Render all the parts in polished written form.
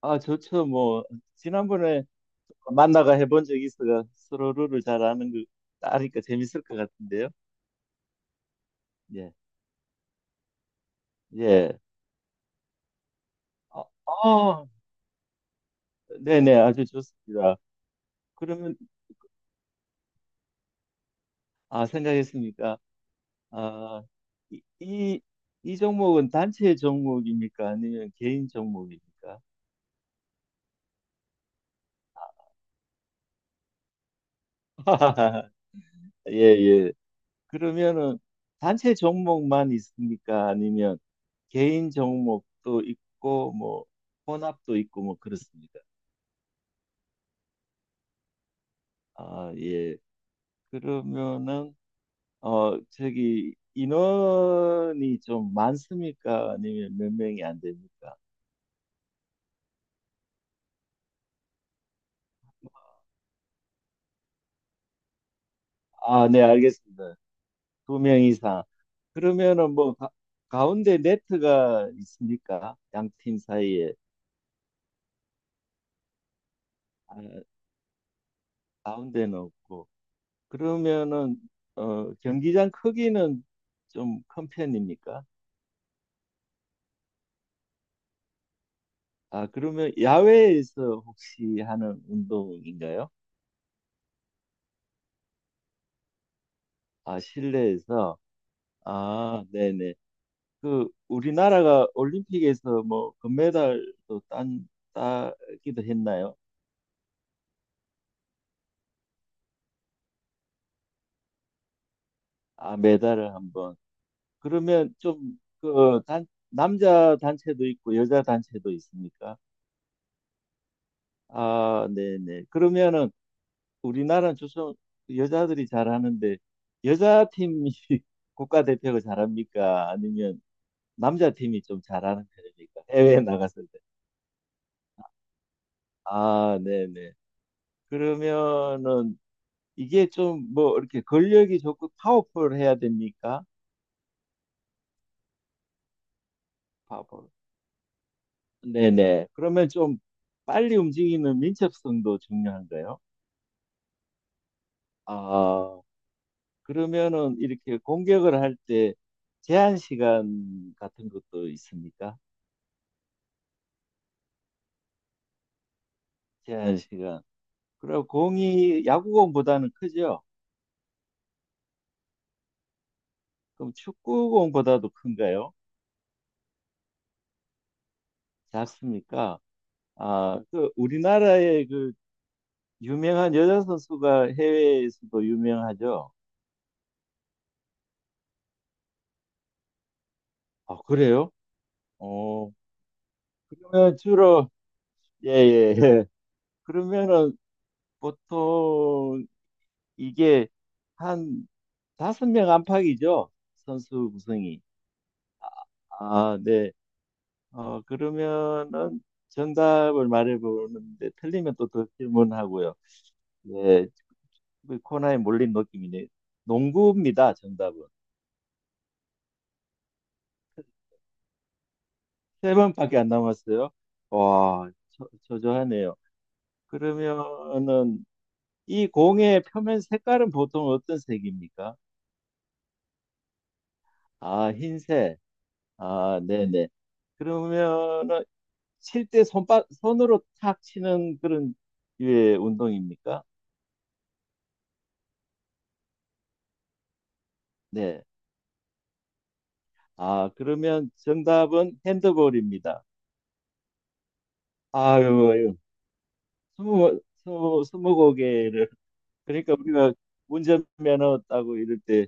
아, 좋죠. 뭐, 지난번에 만나가 해본 적이 있어가 서로를 잘 아는 거, 아니까 재밌을 것 같은데요. 예, 예. 아, 아, 네네, 아주 좋습니다. 그러면, 아, 생각했습니까? 아, 이, 이, 이 종목은 단체 종목입니까? 아니면 개인 종목입니까? 예, 예. 그러면은 단체 종목만 있습니까? 아니면 개인 종목도 있고 뭐 혼합도 있고 뭐 그렇습니다. 아, 예. 그러면은 어 저기 인원이 좀 많습니까? 아니면 몇 명이 안 됩니까? 아, 네, 알겠습니다. 두 명 이상. 그러면은 뭐 가, 가운데 네트가 있습니까? 양팀 사이에. 아, 가운데는 없고. 그러면은 어, 경기장 크기는 좀 큰 편입니까? 아, 그러면 야외에서 혹시 하는 운동인가요? 아, 실내에서. 아, 네네. 그 우리나라가 올림픽에서 뭐 금메달도 딴 따기도 했나요? 아, 메달을 한번. 그러면 좀그 남자 단체도 있고 여자 단체도 있습니까? 아, 네네. 그러면은 우리나라는 주로 여자들이 잘하는데 여자 팀이 국가대표가 잘합니까? 아니면 남자 팀이 좀 잘하는 편입니까? 해외에 나갔을 때. 아, 네네. 그러면은 이게 좀 뭐 이렇게 근력이 좋고 파워풀해야 됩니까? 파워풀. 네네. 그러면 좀 빨리 움직이는 민첩성도 중요한가요? 아, 그러면은 이렇게 공격을 할 때 제한 시간 같은 것도 있습니까? 제한 시간. 그럼 공이 야구공보다는 크죠? 그럼 축구공보다도 큰가요? 작습니까? 아, 그 우리나라의 그 유명한 여자 선수가 해외에서도 유명하죠? 아, 그래요? 어, 그러면 주로 예, 예, 예. 그러면은 보통 이게 한 다섯 명 안팎이죠? 선수 구성이. 아, 네. 어, 그러면은 정답을 말해보는데 틀리면 또 더 질문하고요. 네, 그 코너에 몰린 느낌이네. 농구입니다, 정답은. 세 번밖에 안 남았어요. 와, 저, 저조하네요. 그러면은 이 공의 표면 색깔은 보통 어떤 색입니까? 아, 흰색. 아, 네네. 그러면은 칠 때 손으로 탁 치는 그런 류의 운동입니까? 네. 아, 그러면 정답은 핸드볼입니다. 아유, 아유. 스무 고개를 그러니까 우리가 운전면허 따고 이럴 때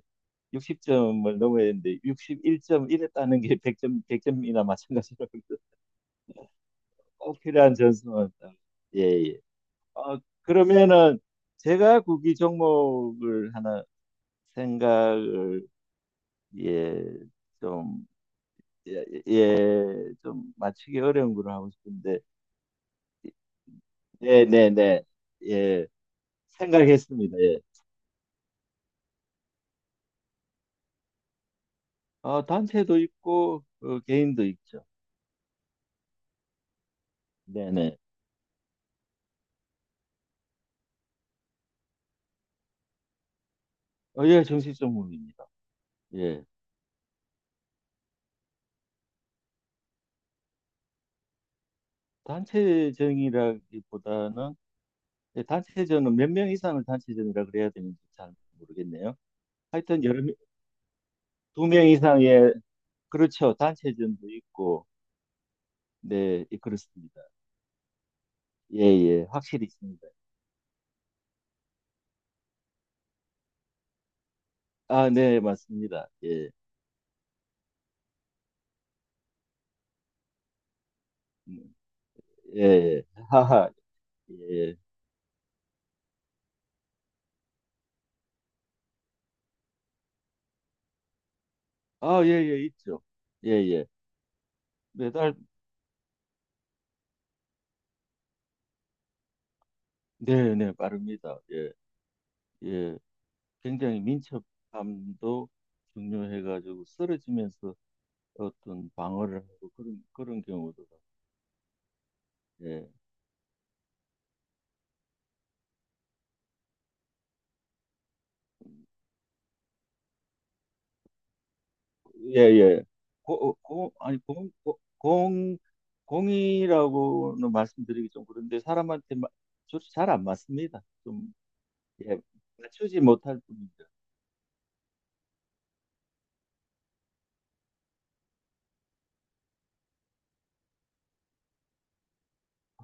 60점을 넘어야 되는데 6 1이에 따는 게 100점, 100점이나 마찬가지라고 꼭 필요한 점수만 따. 예, 예. 어, 그러면은 제가 구기 종목을 하나 생각을 예, 좀 예, 예, 좀 맞추기 어려운 걸로 하고 싶은데 네, 네, 네. 예. 생각했습니다. 예. 어, 단체도 있고 어, 개인도 있죠. 네, 네. 어, 예, 정식 전문입니다. 예. 단체전이라기보다는, 예, 단체전은 몇 명 이상을 단체전이라 그래야 되는지 잘 모르겠네요. 하여튼, 여러, 명, 두 명 이상의, 그렇죠. 단체전도 있고, 네, 예, 그렇습니다. 예, 예, 확실히 있습니다. 아, 네, 맞습니다. 예, 음, 예, 예. 하하, 예. 예. 아, 예, 예, 있죠. 예, 예. 매달, 네, 네, 빠릅니다. 예, 예. 굉장히 민첩함도 중요해가지고 쓰러지면서 어떤 방어를 하고 그런 그런 경우도 예, 예, 예. 공 아니 공, 공, 공이라고는 말씀드리기 좀 그런데 사람한테 잘 안 맞습니다. 좀 예, 맞추지 못할 뿐이죠.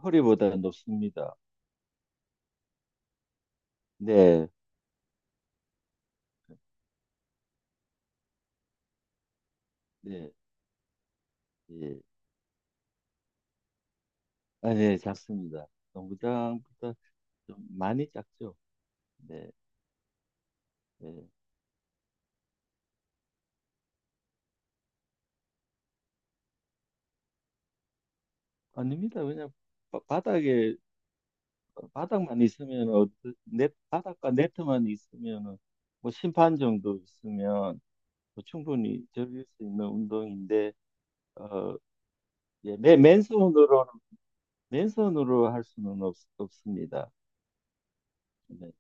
허리보다 높습니다. 네, 네, 예. 아, 네, 작습니다. 농구장보다 좀 많이 작죠. 네, 네 아닙니다. 왜냐 바닥에 바닥만 있으면 어, 네, 바닥과 네트만 있으면은 뭐 심판 정도 있으면 뭐 충분히 즐길 수 있는 운동인데 어, 예, 맨손으로 할 수는 없, 없습니다. 네.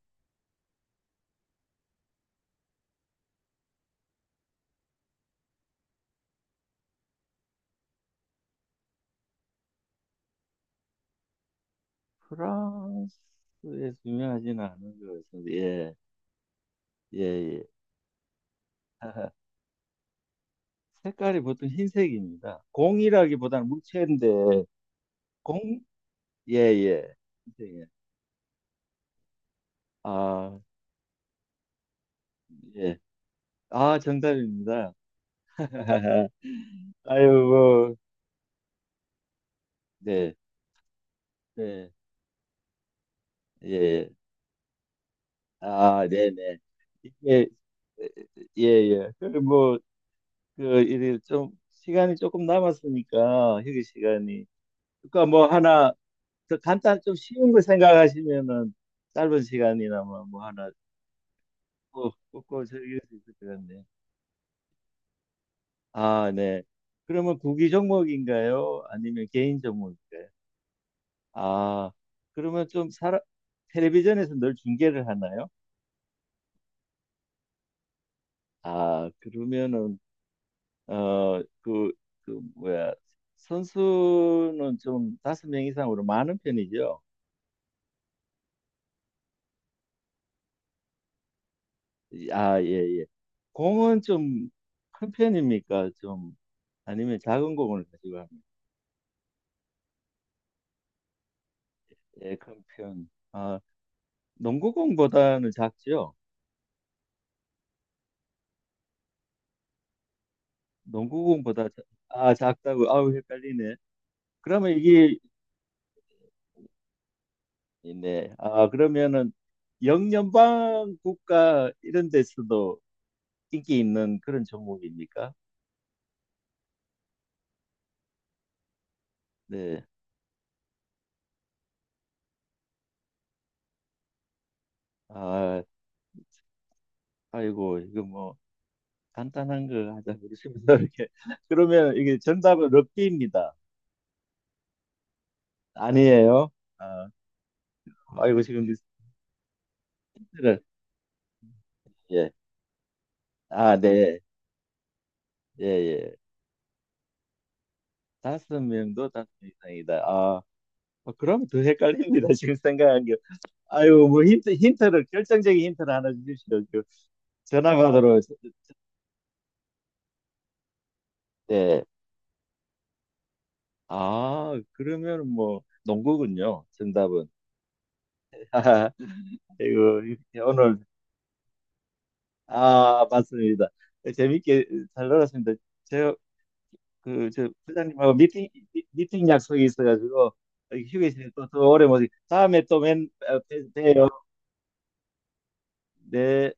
프랑스에서 유명하지는 않은 것 같습니다. 예, 예, 예. 색깔이 보통 흰색입니다. 공이라기보다는 물체인데 공, 예, 예. 흰색이에요. 아, 예. 아, 정답입니다. 아이고, 네, 네, 예, 아, 네, 네, 이게 예, 예, 그래 뭐, 그 이제 좀 시간이 조금 남았으니까 휴게 시간이, 그러니까 뭐 하나 더 간단 좀 쉬운 거 생각하시면은 짧은 시간이나마 뭐 하나 꼭 꼭 즐길 수 있을 것 같네요. 아, 네. 그러면 구기 종목인가요? 아니면 개인 종목인가요? 아, 그러면 좀 사람 텔레비전에서 늘 중계를 하나요? 아, 그러면은 어, 그, 뭐야 선수는 좀 다섯 명 이상으로 많은 편이죠. 아, 예, 예. 공은 좀 큰 편입니까? 좀 아니면 작은 공을 가지고 합니까? 예, 큰 편. 아, 농구공보다는 작죠. 농구공보다 작- 아, 작다고. 아우, 헷갈리네. 그러면 이게 네. 아, 그러면은 영연방 국가 이런 데서도 인기 있는 그런 종목입니까? 네. 아, 아이고 이거 뭐 간단한 거 하자 그러시면서 이렇게 그러면 이게 정답은 럭비입니다. 아니에요? 아, 아이고 지금 스트레스. 예. 아, 네. 예, 예. 다섯 명도 다섯 명 이상이다. 아, 어, 그럼 더 헷갈립니다. 지금 생각한 게. 아이고 뭐 힌트를 결정적인 힌트를 하나 주십시오. 그 전화 받으러 네. 아, 그러면 뭐 농구군요. 정답은. 이거 이렇게 오늘 아, 맞습니다. 재밌게 잘 놀았습니다. 제가 그, 저 부장님하고 미팅 약속이 있어가지고 어, 휴게실에 또 오래 못, 다음에 또 맨, 어, 봬요. 네.